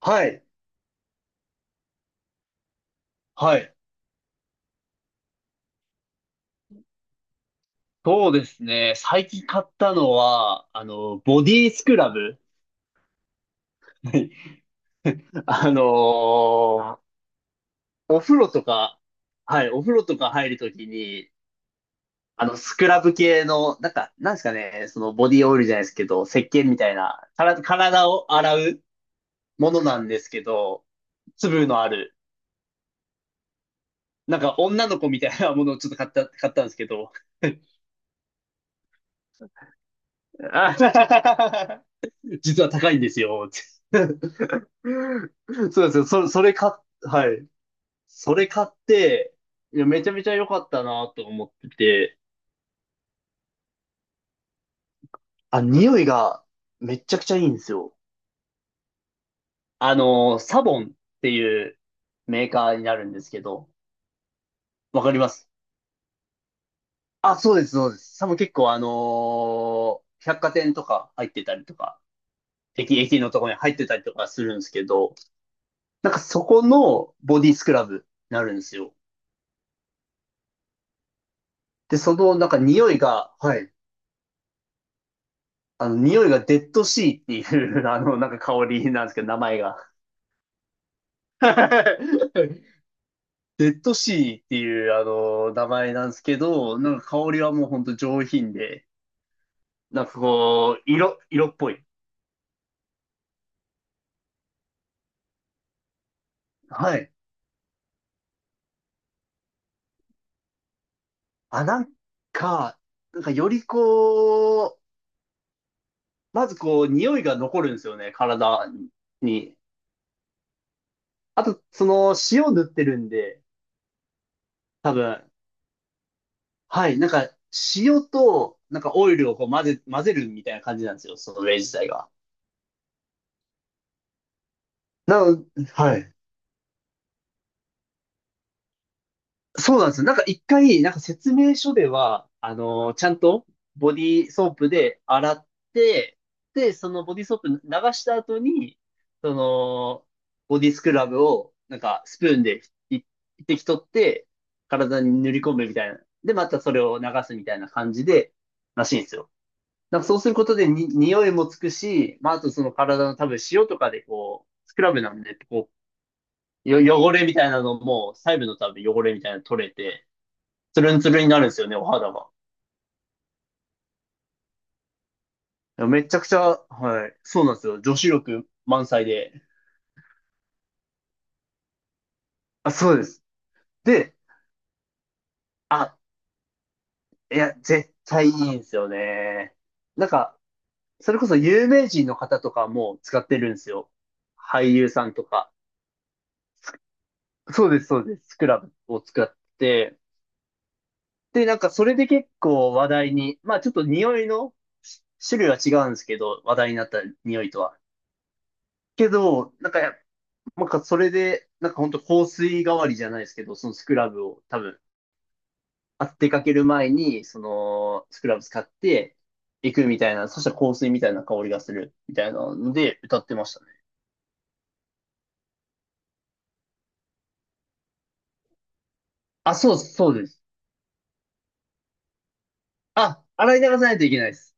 はい。はい。そうですね。最近買ったのは、ボディスクラブ。はいあのお風呂とか、はい、お風呂とか入るときに、スクラブ系の、なんか、なんですかね、そのボディオイルじゃないですけど、石鹸みたいな、から体を洗うものなんですけど、粒のある、なんか女の子みたいなものをちょっと買ったんですけど、あ 実は高いんですよ。そうですよ。そ、それ買っ、はい。それ買って、いや、めちゃめちゃ良かったなと思ってて、あ、匂いがめちゃくちゃいいんですよ。サボンっていうメーカーになるんですけど、わかります。あ、そうです、そうです。サボン結構百貨店とか入ってたりとか、駅のとこに入ってたりとかするんですけど、なんかそこのボディスクラブになるんですよ。で、そのなんか匂いが、はい。匂いがデッドシーっていう、なんか香りなんですけど、名前が。デッドシーっていうあの名前なんですけど、なんか香りはもうほんと上品で、なんかこう、色っぽい。はい。あ、か、なんかよりこう、まずこう、匂いが残るんですよね、体に。あと、塩塗ってるんで、多分、はい、なんか、塩と、なんかオイルをこう混ぜるみたいな感じなんですよ、その例自体が。なの、はい。そうなんですよ。なんか一回、なんか説明書では、ちゃんとボディーソープで洗って、で、そのボディーソープ流した後に、その、ボディスクラブを、なんかスプーンでい一滴取って、体に塗り込むみたいな。で、またそれを流すみたいな感じで、らしいんですよ。なんかそうすることでに、匂いもつくし、まあ、あとその体の多分塩とかでこう、スクラブなんで、こう、汚れみたいなのも、細部の多分汚れみたいなの取れて、ツルンツルンになるんですよね、お肌が。いやめちゃくちゃ、はい。そうなんですよ。女子力満載で。あ、そうです。で、あ、いや、絶対いいんですよね。なんか、それこそ有名人の方とかも使ってるんですよ。俳優さんとか。そうです、そうです。スクラブを使って。で、なんかそれで結構話題に、まあちょっと匂いの種類は違うんですけど、話題になった匂いとは。けど、なんかそれで、なんか本当香水代わりじゃないですけど、そのスクラブを多分、出かける前に、そのスクラブ使って行くみたいな、そしたら香水みたいな香りがするみたいなので歌ってましたね。あ、そうです、そうです。あ、洗い流さないといけないです。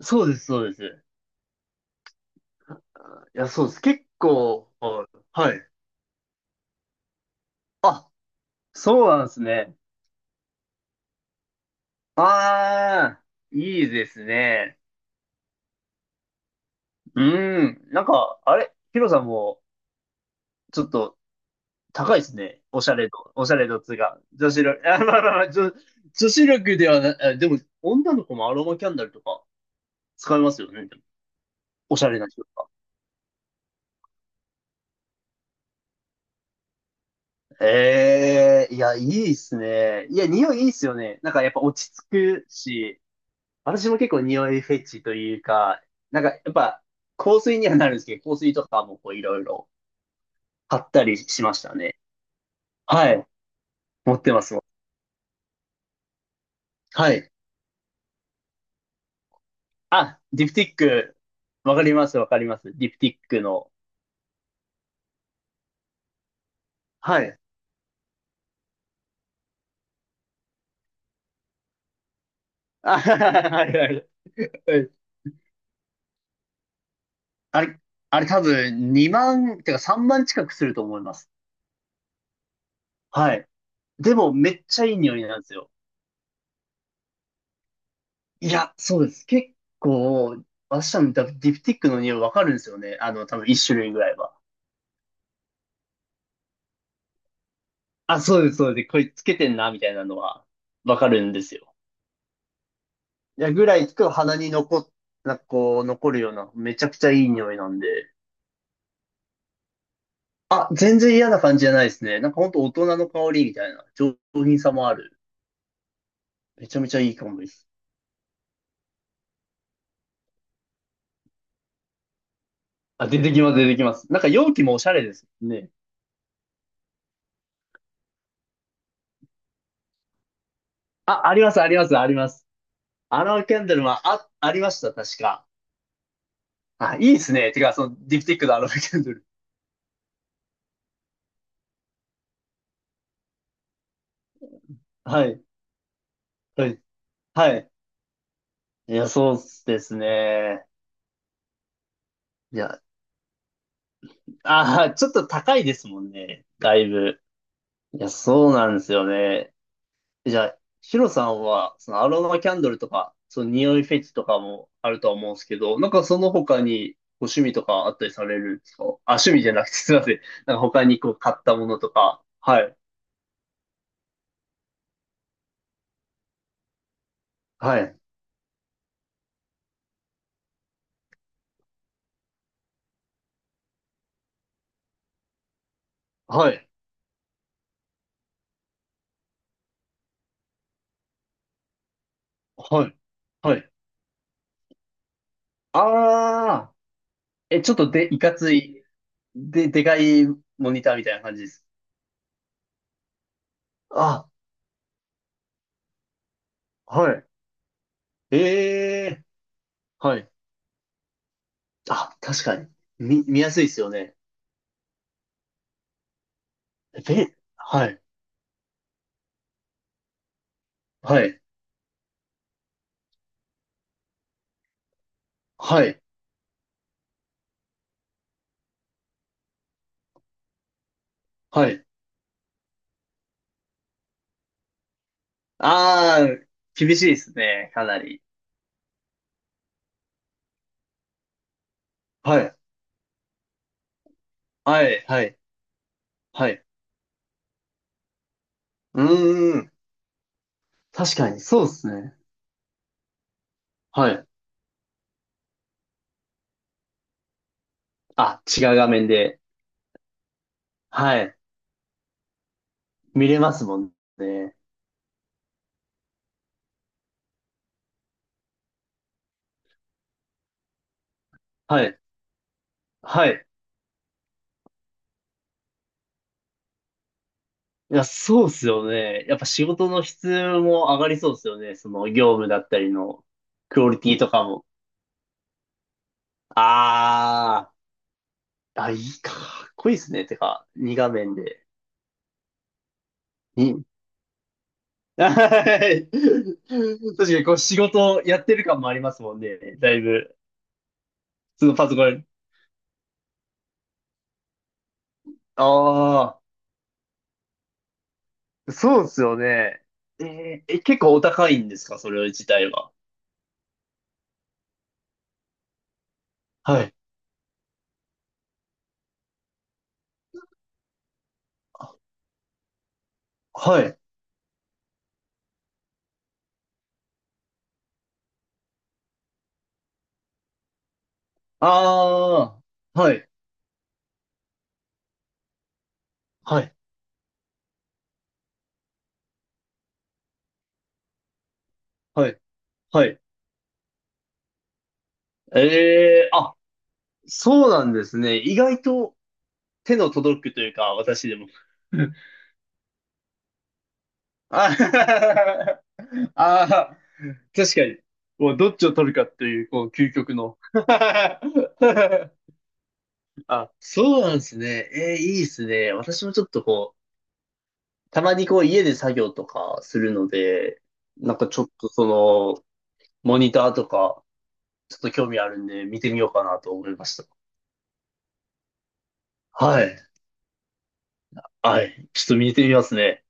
そうです、そうです。あいや、そうです。結構、はい。はい。あ、そうなんですね。ああ、いいですね。うん。なんか、あれ、ヒロさんも、ちょっと高いですね。おしゃれ度。おしゃれ度っつうか。女子力。あ、まあまあまあ、女子力ではない。でも、女の子もアロマキャンドルとか使いますよね。でもおしゃれな人とか。ええいや、いいっすね。いや、匂いいいっすよね。なんかやっぱ落ち着くし、私も結構匂いフェチというか、なんかやっぱ香水にはなるんですけど、香水とかもこういろいろ買ったりしましたね。はい。持ってますもん。はい。あ、ディプティック。わかります、わかります。ディプティックの。はい。あ、はいはいはい。あれ、あれ多分2万、てか3万近くすると思います。はい。でもめっちゃいい匂いなんですよ。いや、そうです。結構、私多分ディプティックの匂いわかるんですよね。多分1種類ぐらいは。あ、そうです、そうです。これつけてんな、みたいなのはわかるんですよ。いや、ぐらいと鼻になんかこう、残るような、めちゃくちゃいい匂いなんで。あ、全然嫌な感じじゃないですね。なんかほんと大人の香りみたいな、上品さもある。めちゃめちゃいい香りです。あ、出てきます、出てきます。なんか容器もおしゃれですね。あ、あります、あります、あります。アロマキャンドルもあ、ありました、確か。あ、いいですね。てか、その、ディプティックのアロマキャンドル。はい、はい、はい。いや、そうですね。いや、ちょっと高いですもんね。だいぶ。いや、そうなんですよね。じゃあ、シロさんは、そのアロマキャンドルとか、その匂いフェチとかもあるとは思うんですけど、なんかその他にご趣味とかあったりされるんですか？あ、趣味じゃなくてすいません。なんか他にこう買ったものとか。はい。はい。はい。はい。はい。ああ、え、ちょっとで、いかつい、でかいモニターみたいな感じです。あ、はい。ええ、はい。あ、確かに。見やすいですよね。え、はい。はい。はい。はい。ああ、厳しいですね、かなり。はい。はい、はい、はい。うーん。確かに、そうですね。はい。あ、違う画面で。はい。見れますもんね。はい。はい。いや、そうっすよね。やっぱ仕事の質も上がりそうっすよね。その業務だったりのクオリティとかも。あー。あ、いいか。かっこいいっすね。てか、2画面で。はい。確かにこう仕事やってる感もありますもんね。だいぶ。そのパソコン。ああ、そうですよね。え、結構お高いんですかそれ自体は？はい。はい。ああ、はい。はい。はい。はい。ええあ、そうなんですね。意外と手の届くというか、私でも。あーあー、確かに。もうどっちを取るかっていう、こう、究極の。あ、そうなんですね。えー、いいですね。私もちょっとこう、たまにこう家で作業とかするので、なんかちょっとモニターとか、ちょっと興味あるんで見てみようかなと思いました。はい。はい。ちょっと見てみますね。